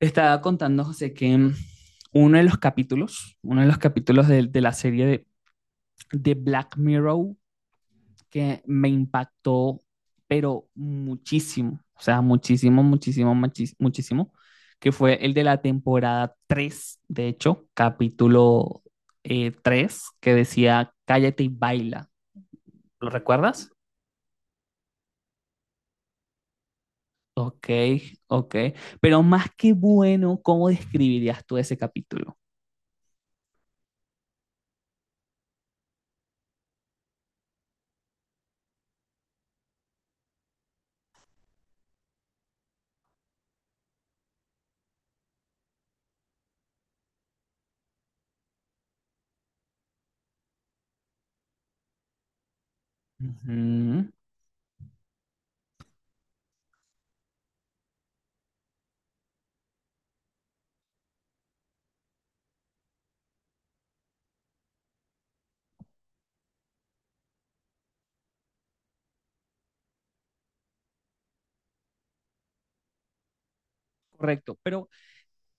Estaba contando, José, uno de los capítulos, uno de los capítulos de la serie de Black Mirror que me impactó, pero muchísimo, o sea, muchísimo, muchísimo, muchísimo, que fue el de la temporada 3, de hecho, capítulo 3, que decía Cállate y baila. ¿Lo recuerdas? Ok, ok. Pero más que bueno, ¿cómo describirías tú ese capítulo? Ujú. Correcto, pero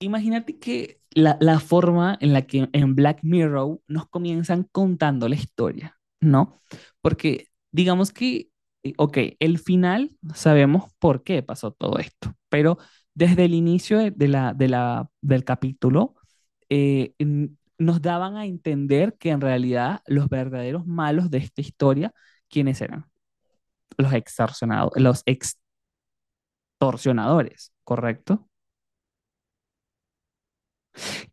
imagínate que la forma en la que en Black Mirror nos comienzan contando la historia, ¿no? Porque digamos que, ok, el final sabemos por qué pasó todo esto, pero desde el inicio del capítulo eh, n- nos daban a entender que en realidad los verdaderos malos de esta historia, ¿quiénes eran? Los extorsionados, los extorsionadores, ¿correcto?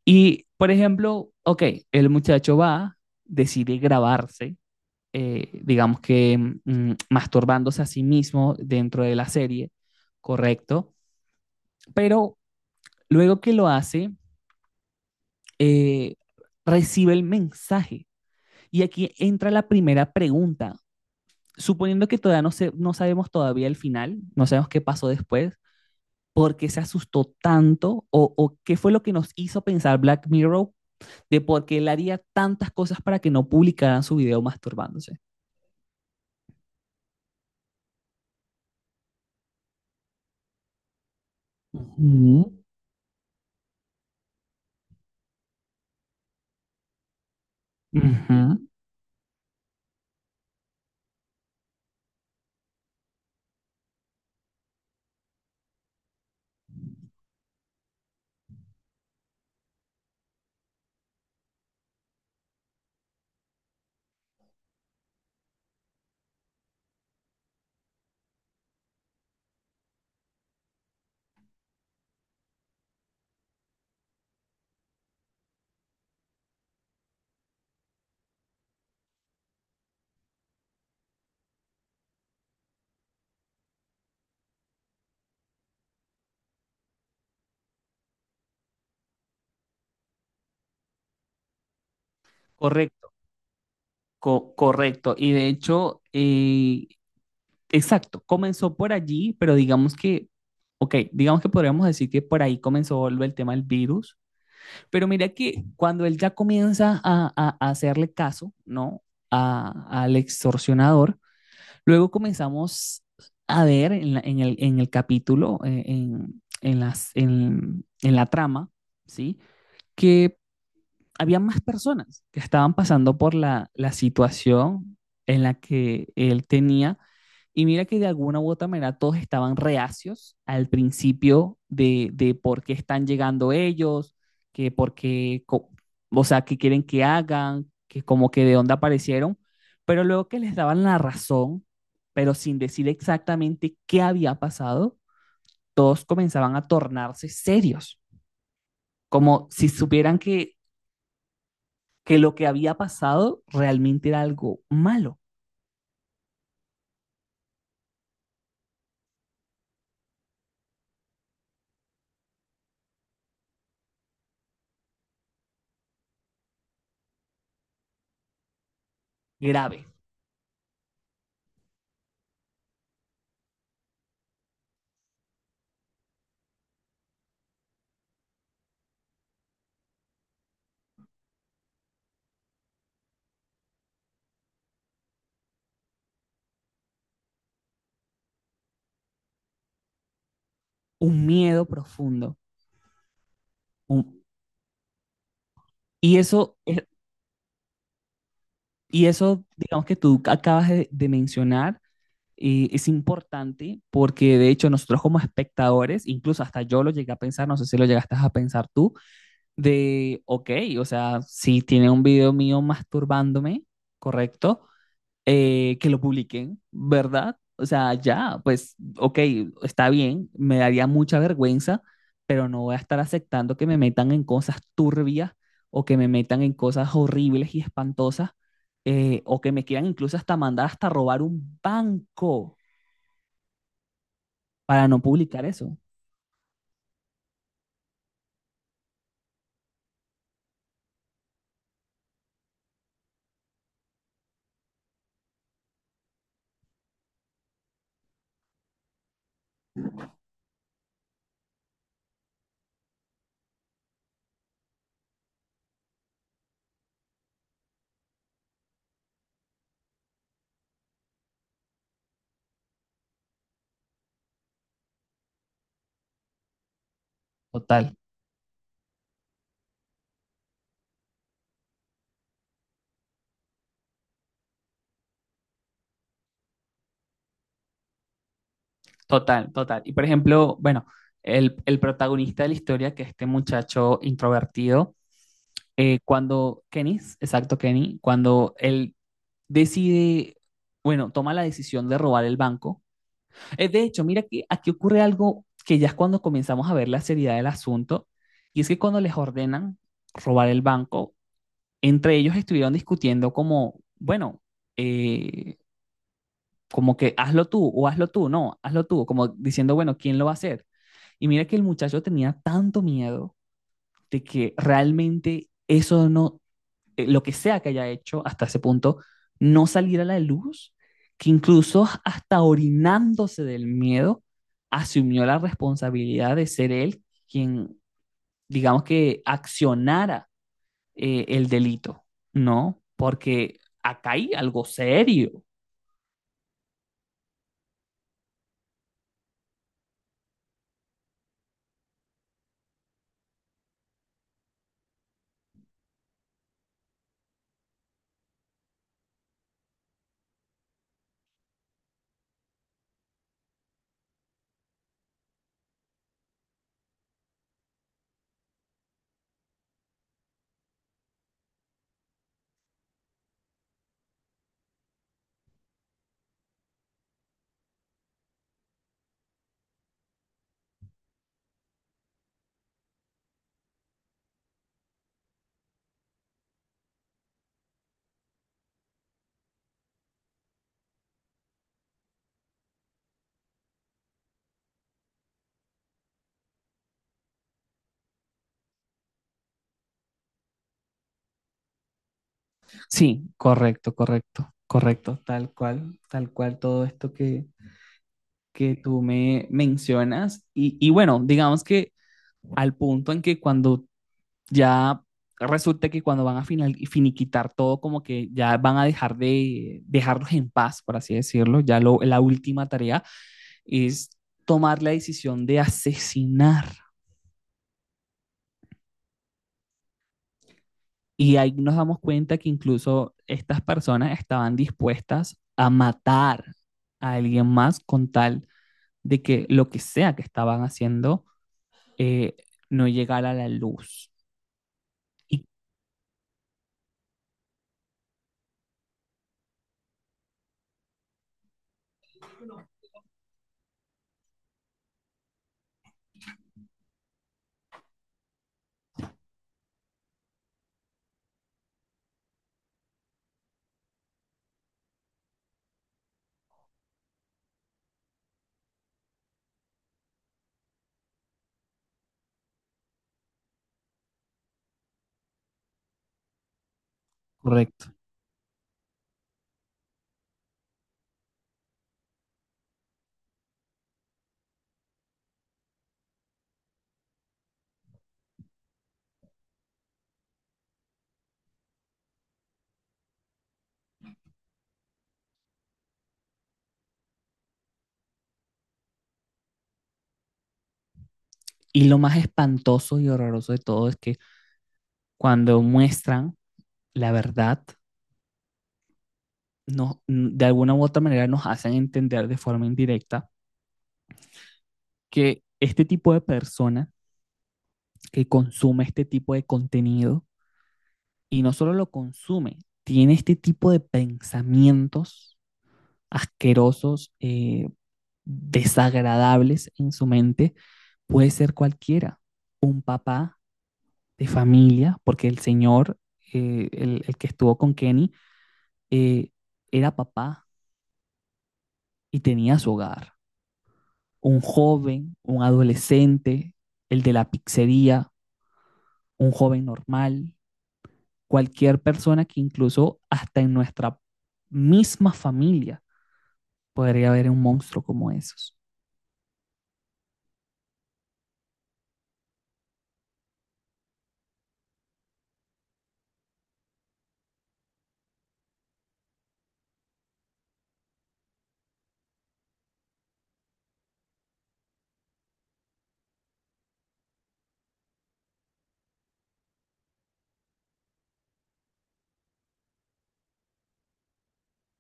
Y, por ejemplo, ok, el muchacho va, decide grabarse, digamos que masturbándose a sí mismo dentro de la serie, correcto, pero luego que lo hace, eh, recibe el mensaje. Y aquí entra la primera pregunta. Suponiendo que todavía no, se, no sabemos todavía el final, no sabemos qué pasó después, ¿por qué se asustó tanto o qué fue lo que nos hizo pensar Black Mirror de por qué él haría tantas cosas para que no publicaran su video masturbándose? Ujú. Ujú. Correcto, correcto. Y de hecho, exacto, comenzó por allí, pero digamos que, ok, digamos que podríamos decir que por ahí comenzó el tema del virus, pero mira que cuando él ya comienza a hacerle caso, ¿no? Al extorsionador. Luego comenzamos a ver en, la- en el capítulo, en las, en la trama, ¿sí? Que había más personas que estaban pasando por la situación en la que él tenía, y mira que de alguna u otra manera todos estaban reacios al principio de por qué están llegando ellos, que por qué, co- o sea, qué quieren que hagan, que como que de dónde aparecieron, pero luego que les daban la razón, pero sin decir exactamente qué había pasado, todos comenzaban a tornarse serios, como si supieran que lo que había pasado realmente era algo malo, grave, un miedo profundo. un- Y eso es, y eso, digamos que tú acabas de mencionar, es importante porque de hecho nosotros como espectadores, incluso hasta yo lo llegué a pensar, no sé si lo llegaste a pensar tú, de, ok, o sea, si tiene un video mío masturbándome, ¿correcto? Que lo publiquen, ¿verdad? O sea, ya, pues, ok, está bien, me daría mucha vergüenza, pero no voy a estar aceptando que me metan en cosas turbias o que me metan en cosas horribles y espantosas, o que me quieran incluso hasta mandar hasta robar un banco para no publicar eso. Total, total, total. Y por ejemplo, bueno, el protagonista de la historia, que es este muchacho introvertido, cuando Kenny, exacto, Kenny, cuando él decide, bueno, toma la decisión de robar el banco. De hecho, mira que aquí ocurre algo que ya es cuando comenzamos a ver la seriedad del asunto, y es que cuando les ordenan robar el banco, entre ellos estuvieron discutiendo como, bueno, eh, como que hazlo tú o hazlo tú, no, hazlo tú, como diciendo, bueno, ¿quién lo va a hacer? Y mira que el muchacho tenía tanto miedo de que realmente eso no lo que sea que haya hecho hasta ese punto no salir a la luz, que incluso hasta orinándose del miedo, asumió la responsabilidad de ser él quien, digamos que, accionara el delito, ¿no? Porque acá hay algo serio. Sí, correcto, correcto, correcto, tal cual todo esto que tú me mencionas. Y bueno, digamos que al punto en que cuando ya resulta que cuando van a final, finiquitar todo, como que ya van a dejar de dejarlos en paz, por así decirlo. Ya lo, la última tarea es tomar la decisión de asesinar. Y ahí nos damos cuenta que incluso estas personas estaban dispuestas a matar a alguien más con tal de que lo que sea que estaban haciendo, eh, no llegara a la luz. Y, correcto. Y lo más espantoso y horroroso de todo es que cuando muestran la verdad, de alguna u otra manera nos hacen entender de forma indirecta que este tipo de persona que consume este tipo de contenido, y no solo lo consume, tiene este tipo de pensamientos asquerosos, desagradables en su mente, puede ser cualquiera, un papá de familia, porque el señor, el que estuvo con Kenny, eh, era papá y tenía su hogar, un joven, un adolescente, el de la pizzería, un joven normal, cualquier persona que incluso hasta en nuestra misma familia podría haber un monstruo como esos,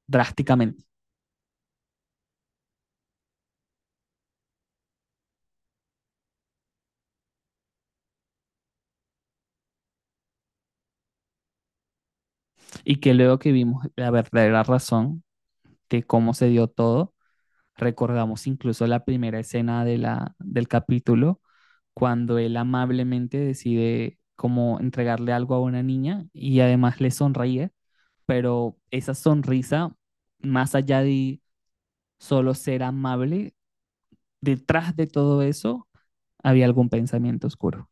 drásticamente. Y que luego que vimos la verdadera razón de cómo se dio todo, recordamos incluso la primera escena de del capítulo, cuando él amablemente decide como entregarle algo a una niña y además le sonríe, pero esa sonrisa, más allá de solo ser amable, detrás de todo eso había algún pensamiento oscuro.